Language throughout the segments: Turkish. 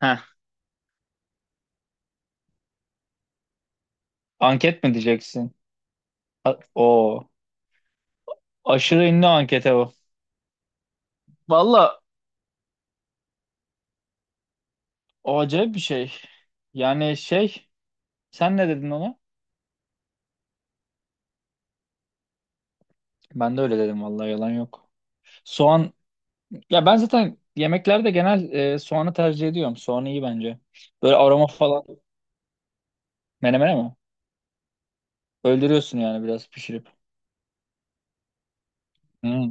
Heh, anket mi diyeceksin? O aşırı ünlü ankete bu. Valla o acayip bir şey. Yani şey, sen ne dedin ona? Ben de öyle dedim, vallahi yalan yok. Soğan, ya ben zaten yemeklerde genel soğanı tercih ediyorum. Soğan iyi bence. Böyle aroma falan menemene mi? Öldürüyorsun yani biraz pişirip. Hmm.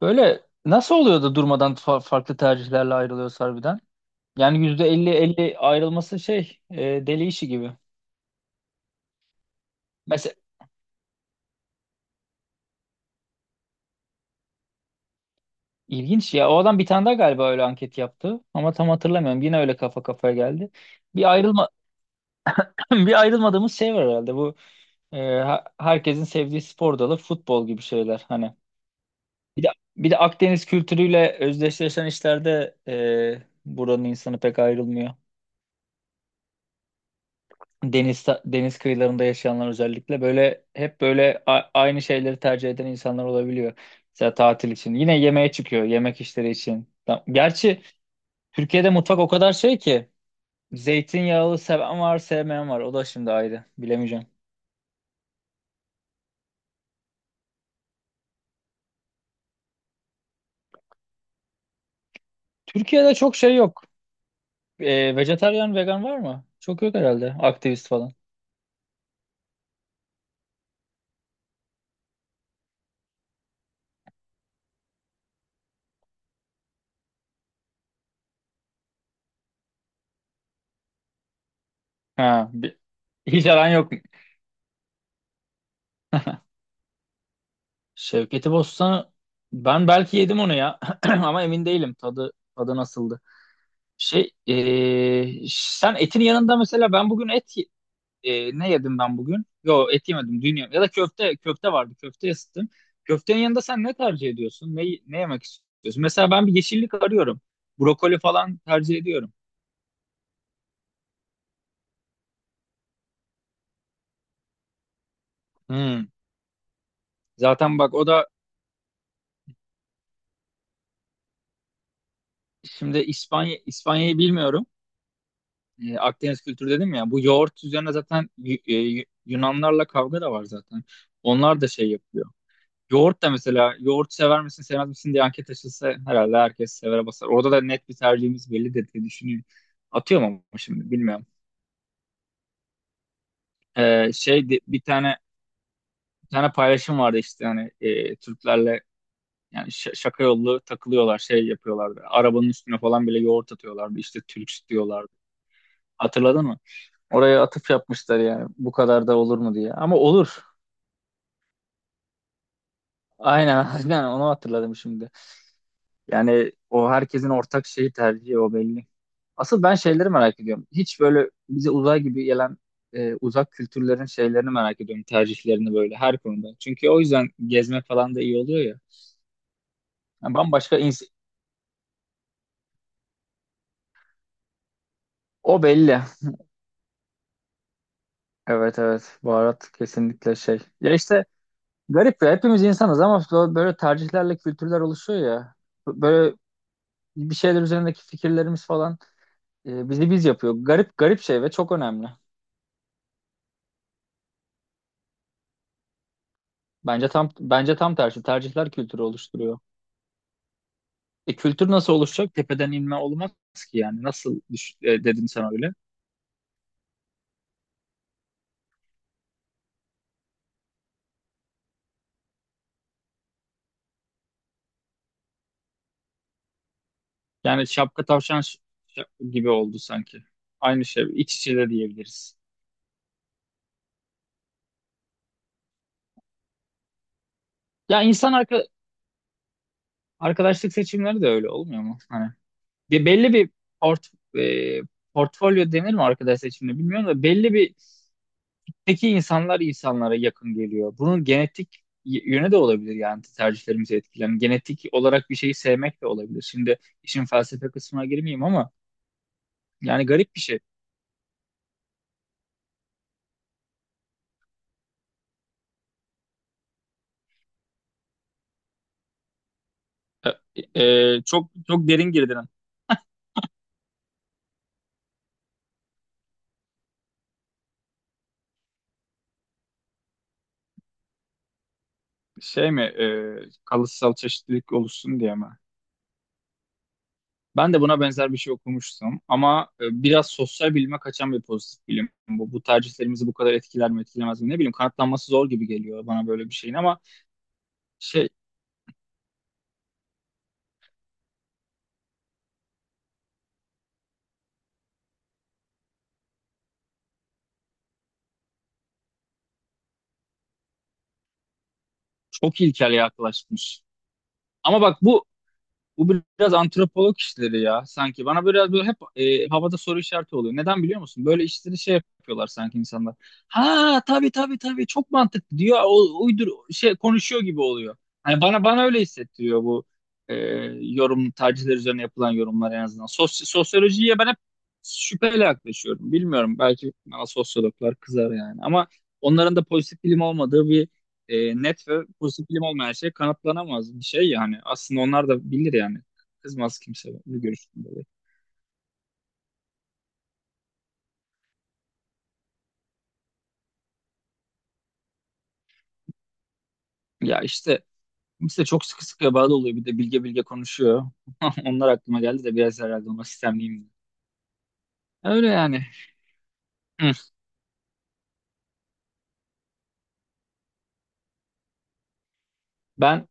Böyle nasıl oluyor da durmadan farklı tercihlerle ayrılıyoruz harbiden? Yani yüzde elli elli ayrılması şey deli işi gibi. İlginç ya. O adam bir tane daha galiba öyle anket yaptı. Ama tam hatırlamıyorum. Yine öyle kafa kafaya geldi. Bir ayrılma bir ayrılmadığımız şey var herhalde. Bu herkesin sevdiği spor dalı futbol gibi şeyler hani. Bir de bir de Akdeniz kültürüyle özdeşleşen işlerde buranın insanı pek ayrılmıyor. Deniz kıyılarında yaşayanlar özellikle böyle hep böyle aynı şeyleri tercih eden insanlar olabiliyor. Mesela tatil için. Yine yemeğe çıkıyor, yemek işleri için. Gerçi Türkiye'de mutfak o kadar şey ki zeytinyağlı seven var, sevmeyen var. O da şimdi ayrı. Bilemeyeceğim. Türkiye'de çok şey yok. E, vejetaryen, vegan var mı? Çok yok herhalde. Aktivist falan. Ha, hiç aran yok. Şevketi Bostan'ı ben belki yedim onu ya. Ama emin değilim, tadı nasıldı. Şey, sen etin yanında, mesela ben bugün et ne yedim ben bugün? Yo, et yemedim, dün yedim. Ya da köfte, köfte vardı, ısıttım. Köftenin yanında sen ne tercih ediyorsun? Ne yemek istiyorsun? Mesela ben bir yeşillik arıyorum. Brokoli falan tercih ediyorum. Hmm. Zaten bak o da şimdi İspanya'yı bilmiyorum. E, Akdeniz kültürü dedim ya. Bu yoğurt üzerine zaten Yunanlarla kavga da var zaten. Onlar da şey yapıyor. Yoğurt da, mesela yoğurt sever misin sevmez misin diye anket açılsa herhalde herkes severe basar. Orada da net bir tercihimiz belli de diye düşünüyorum. Atıyorum ama şimdi bilmiyorum. Şey de bir tane paylaşım vardı işte hani Türklerle, yani şaka yollu takılıyorlar, şey yapıyorlardı. Arabanın üstüne falan bile yoğurt atıyorlardı, işte Türk diyorlardı. Hatırladın mı? Oraya atıf yapmışlar yani, bu kadar da olur mu diye. Ama olur. Aynen, aynen onu hatırladım şimdi. Yani o herkesin ortak şeyi, tercihi o belli. Asıl ben şeyleri merak ediyorum. Hiç böyle bize uzay gibi gelen uzak kültürlerin şeylerini merak ediyorum. Tercihlerini böyle her konuda. Çünkü o yüzden gezmek falan da iyi oluyor ya. Yani bambaşka ins- O belli. Evet, evet. Baharat kesinlikle şey. Ya işte garip ya. Hepimiz insanız ama böyle tercihlerle kültürler oluşuyor ya. Böyle bir şeyler üzerindeki fikirlerimiz falan bizi biz yapıyor. Garip garip şey ve çok önemli. Bence tam tersi. Tercihler kültürü oluşturuyor. E, kültür nasıl oluşacak? Tepeden inme olmaz ki yani. Nasıl dedin sen öyle? Yani şapka tavşan gibi oldu sanki. Aynı şey. İç içe de diyebiliriz. Ya insan arkadaşlık seçimleri de öyle olmuyor mu? Hani bir belli bir port e, portfolyo denir mi arkadaş seçimine bilmiyorum da, belli bir peki insanlar insanlara yakın geliyor. Bunun genetik yönü de olabilir yani, tercihlerimizi etkilen. Genetik olarak bir şeyi sevmek de olabilir. Şimdi işin felsefe kısmına girmeyeyim ama yani garip bir şey. Çok çok derin girdin. Şey mi, kalıtsal çeşitlilik oluşsun diye mi? Ben de buna benzer bir şey okumuştum ama biraz sosyal bilime kaçan bir pozitif bilim. Bu tercihlerimizi bu kadar etkiler mi etkilemez mi, ne bileyim, kanıtlanması zor gibi geliyor bana böyle bir şeyin. Ama şey, çok ilkel yaklaşmış. Ama bak bu, bu biraz antropolog işleri ya sanki. Bana biraz böyle hep havada soru işareti oluyor. Neden biliyor musun? Böyle işleri şey yapıyorlar sanki insanlar. Ha, tabii tabii tabii, çok mantıklı diyor. O, uydur şey konuşuyor gibi oluyor. Hani bana öyle hissettiriyor bu e, yorum, tercihler üzerine yapılan yorumlar en azından. Sosyolojiye ben hep şüpheyle yaklaşıyorum. Bilmiyorum, belki bana sosyologlar kızar yani. Ama onların da pozitif bilim olmadığı bir net ve pozitif bilim olmayan şey, kanıtlanamaz bir şey yani. Aslında onlar da bilir yani. Kızmaz kimse bu görüşümde. Ya işte kimse çok sıkı sıkıya bağlı oluyor. Bir de bilge bilge konuşuyor. Onlar aklıma geldi de biraz herhalde ona sistemliyim. Öyle yani. Hı. Ben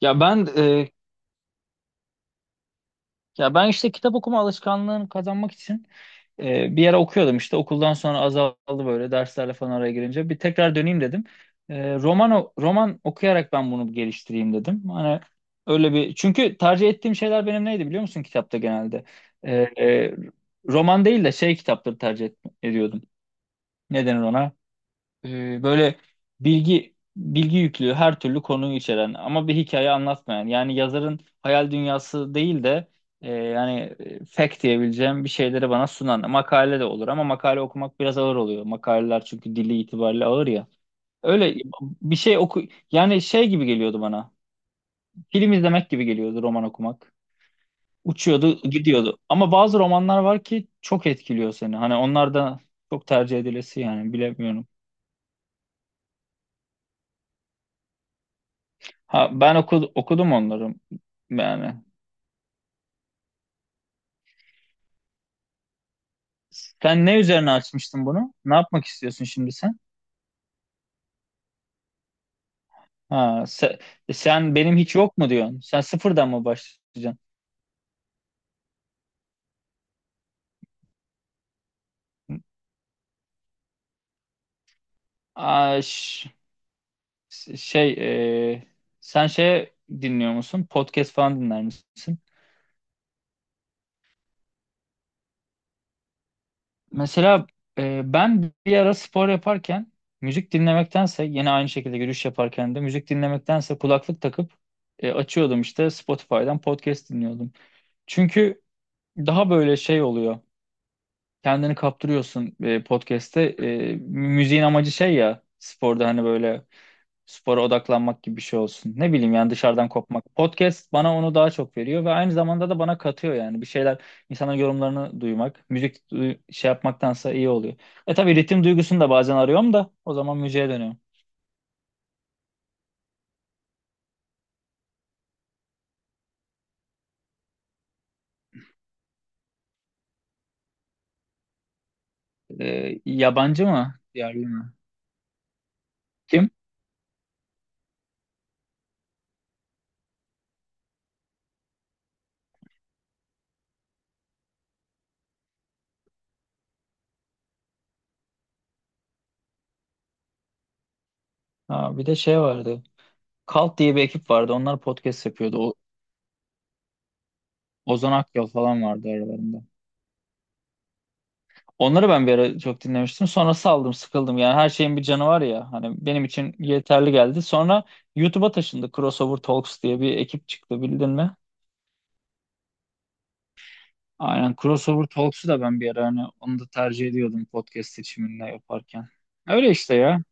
ya ben e, ya ben işte kitap okuma alışkanlığını kazanmak için bir ara okuyordum, işte okuldan sonra azaldı böyle derslerle falan araya girince. Bir tekrar döneyim dedim. Roman roman okuyarak ben bunu geliştireyim dedim. Hani öyle bir, çünkü tercih ettiğim şeyler benim neydi biliyor musun kitapta genelde? Ee, e, roman değil de şey kitapları tercih ediyordum. Ne denir ona? Böyle bilgi yüklü, her türlü konuyu içeren ama bir hikaye anlatmayan, yani yazarın hayal dünyası değil de fact diyebileceğim bir şeyleri bana sunan. Makale de olur ama makale okumak biraz ağır oluyor. Makaleler çünkü dili itibariyle ağır ya. Öyle bir şey oku Yani şey gibi geliyordu bana. Film izlemek gibi geliyordu roman okumak. Uçuyordu, gidiyordu. Ama bazı romanlar var ki çok etkiliyor seni. Hani onlar da çok tercih edilesi, yani bilemiyorum. Ha, ben okudum onları yani. Sen ne üzerine açmıştın bunu? Ne yapmak istiyorsun şimdi sen? Ha, sen benim hiç yok mu diyorsun? Sen sıfırdan mı başlayacaksın? Aa, ş- şey, e, sen şey dinliyor musun? Podcast falan dinler misin? Mesela ben bir ara spor yaparken müzik dinlemektense, yine aynı şekilde yürüyüş yaparken de müzik dinlemektense, kulaklık takıp açıyordum işte Spotify'dan podcast dinliyordum. Çünkü daha böyle şey oluyor. Kendini kaptırıyorsun podcast'te. E, müziğin amacı şey ya, sporda hani böyle spora odaklanmak gibi bir şey olsun. Ne bileyim yani, dışarıdan kopmak. Podcast bana onu daha çok veriyor ve aynı zamanda da bana katıyor yani. Bir şeyler, insanların yorumlarını duymak. Şey yapmaktansa iyi oluyor. E tabii ritim duygusunu da bazen arıyorum da o zaman müziğe dönüyorum. E, yabancı mı? Yerli mi? Kim? Ha, bir de şey vardı. Kalt diye bir ekip vardı. Onlar podcast yapıyordu. O, Ozan Akyol falan vardı aralarında. Onları ben bir ara çok dinlemiştim. Sonra saldım, sıkıldım. Yani her şeyin bir canı var ya. Hani benim için yeterli geldi. Sonra YouTube'a taşındı. Crossover Talks diye bir ekip çıktı. Bildin mi? Aynen. Crossover Talks'u da ben bir ara, hani onu da tercih ediyordum podcast seçiminde yaparken. Öyle işte ya.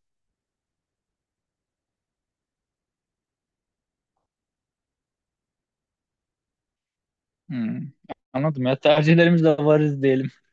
Hmm. Anladım ya. Tercihlerimiz de varız diyelim.